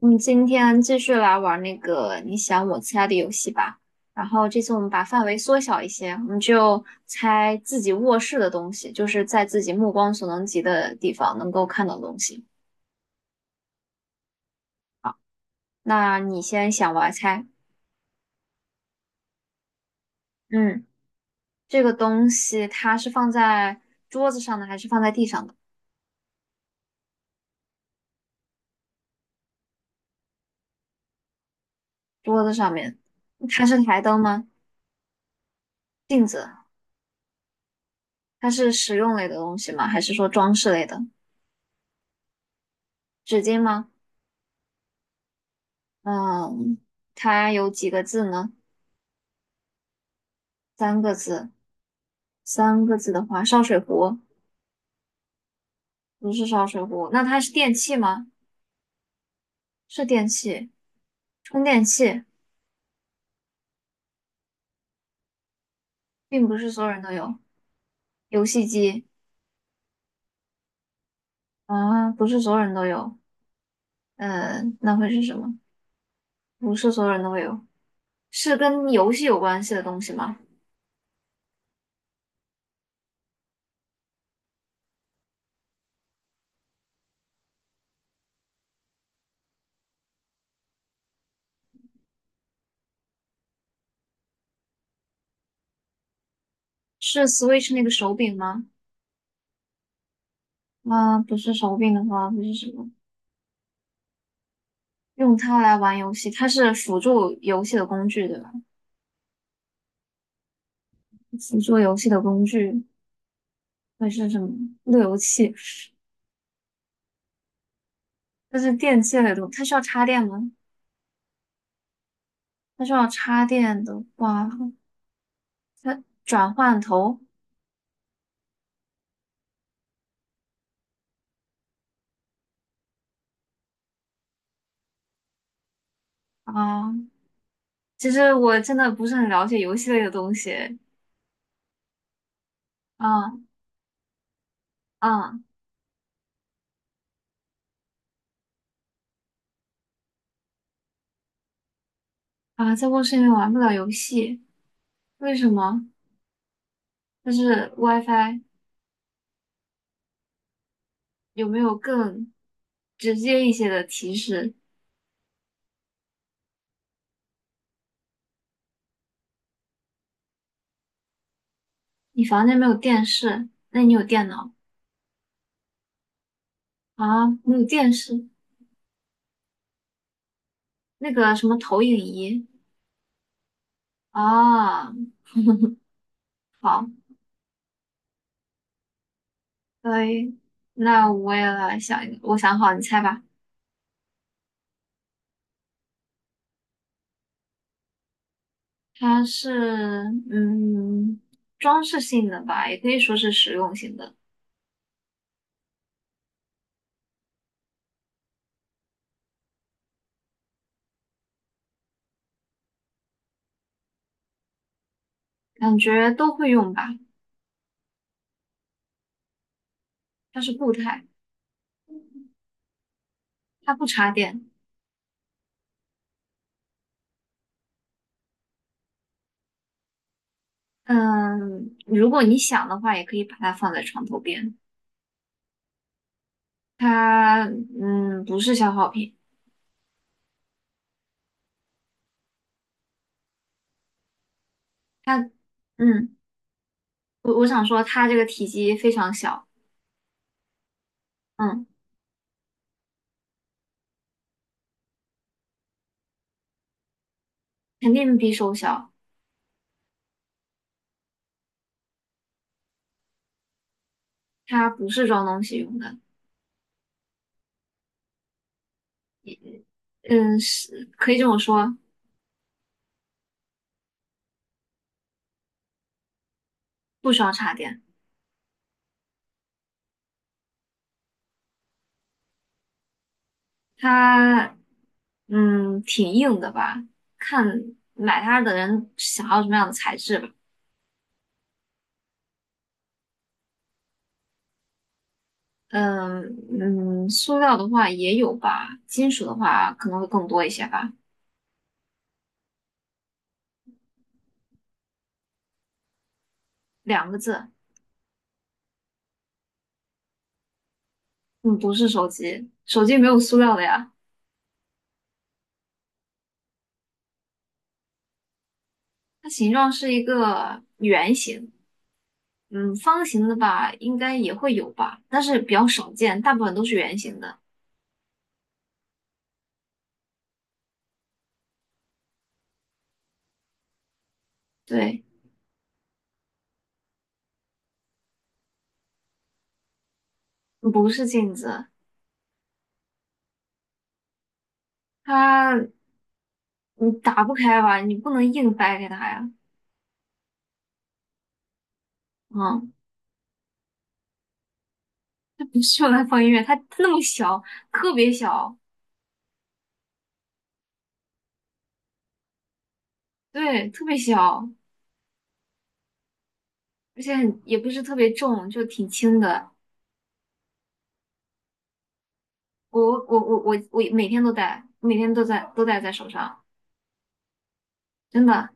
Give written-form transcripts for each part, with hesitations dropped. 我们今天继续来玩那个你想我猜的游戏吧。然后这次我们把范围缩小一些，我们就猜自己卧室的东西，就是在自己目光所能及的地方能够看到的东西。那你先想，我来猜。嗯，这个东西它是放在桌子上的，还是放在地上的？桌子上面，它是台灯吗？镜子？它是实用类的东西吗？还是说装饰类的？纸巾吗？嗯，它有几个字呢？三个字。三个字的话，烧水壶不是烧水壶，那它是电器吗？是电器，充电器，并不是所有人都有。游戏机啊，不是所有人都有。那会是什么？不是所有人都会有。是跟游戏有关系的东西吗？是 Switch 那个手柄吗？啊，不是手柄的话，会是什么？用它来玩游戏，它是辅助游戏的工具，对吧？辅助游戏的工具会是什么？路由器，这是电器类的，它需要插电吗？它需要插电的话，它转换头啊，其实我真的不是很了解游戏类的东西。啊啊啊！在卧室里面玩不了游戏，为什么？就是 WiFi 有没有更直接一些的提示？你房间没有电视，那你有电脑啊？你有电视，那个什么投影仪啊？好，所以那我也来想一个，我想好，你猜吧。它是嗯装饰性的吧，也可以说是实用性的，感觉都会用吧。它是固态，它不插电。嗯，如果你想的话，也可以把它放在床头边。它不是消耗品，它嗯我想说它这个体积非常小，嗯，肯定比手小。它不是装东西用的，嗯是可以这么说，不需要插电。它挺硬的吧，看买它的人想要什么样的材质吧。嗯嗯，塑料的话也有吧，金属的话可能会更多一些吧。两个字，嗯，不是手机，手机没有塑料的呀。它形状是一个圆形，嗯，方形的吧，应该也会有吧，但是比较少见，大部分都是圆形的。对，不是镜子，它你打不开吧，你不能硬掰开它呀。嗯。不是要放音乐，它那么小，特别小，对，特别小，而且很也不是特别重，就挺轻的。我我每天都戴，每天都戴在手上，真的，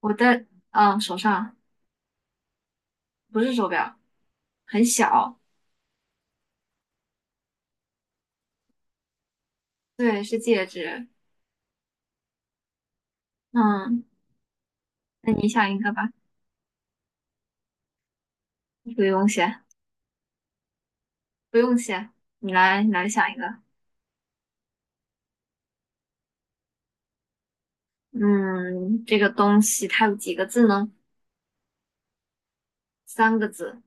我戴，嗯，手上不是手表，很小，对，是戒指。嗯，那你想一个吧，不用谢，不用谢，你来想一个。嗯，这个东西它有几个字呢？三个字。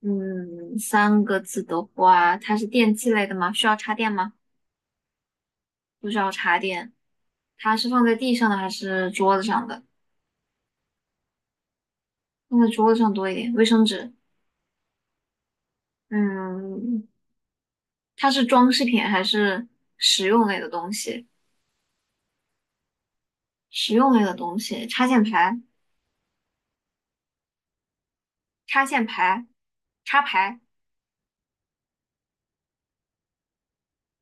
嗯，三个字的话，它是电器类的吗？需要插电吗？不需要插电。它是放在地上的还是桌子上的？放在桌子上多一点。卫生纸。嗯，它是装饰品还是实用类的东西？实用类的东西，插线排、插排、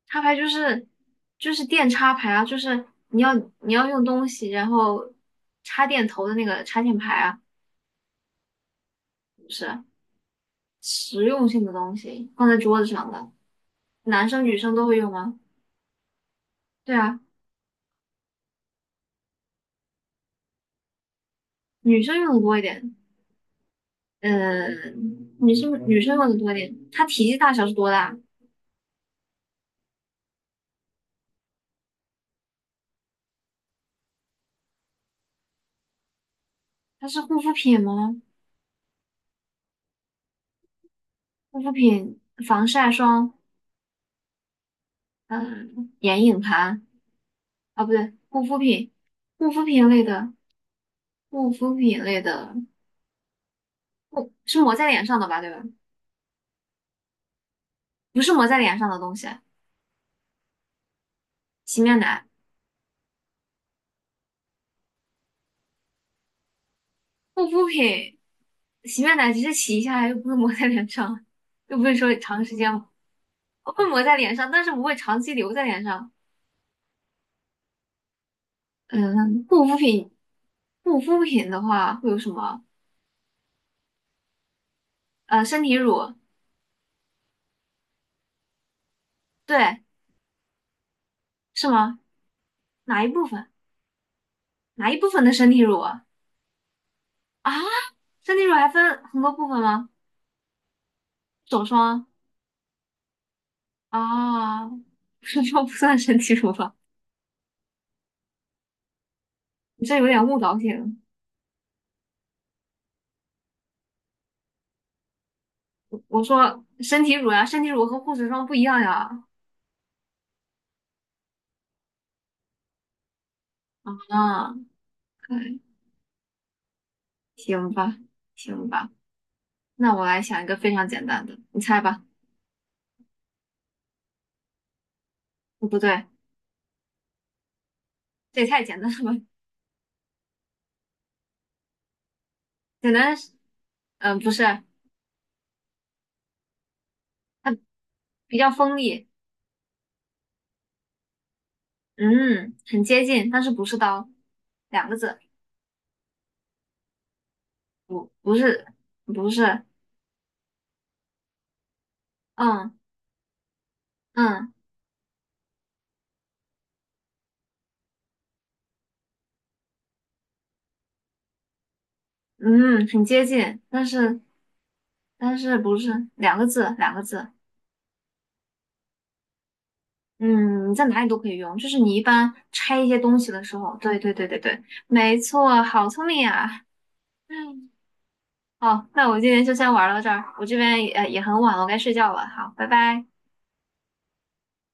插排就是电插排啊，就是你要用东西，然后插电头的那个插线排啊，不是实用性的东西，放在桌子上的。男生女生都会用吗？对啊，女生用的多一点，呃，女生用的多一点。它体积大小是多大？它是护肤品吗？护肤品、防晒霜，嗯、眼影盘啊，不对，护肤品，护肤品类的，护肤品类的，不是抹在脸上的吧？对吧？不是抹在脸上的东西，洗面奶、护肤品、洗面奶只是洗一下，又不是抹在脸上，又不是说长时间 会抹在脸上，但是不会长期留在脸上。嗯，护肤品，护肤品的话会有什么？身体乳，对，是吗？哪一部分？哪一部分的身体乳啊？啊，身体乳还分很多部分吗？手霜啊，手霜不算身体乳吧？你这有点误导性。我说身体乳呀、身体乳和护手霜不一样呀。啊，可以，行吧，行吧，那我来想一个非常简单的，你猜吧。哦不对，这也太简单了吧？简单是嗯、不是，它比较锋利。嗯，很接近，但是不是刀，两个字，不是，不是，嗯嗯嗯，很接近，但是不是两个字，两个字，嗯，你在哪里都可以用，就是你一般拆一些东西的时候，对，没错，好聪明啊，嗯，好，那我今天就先玩到这儿，我这边也也很晚了，我该睡觉了，好，拜拜。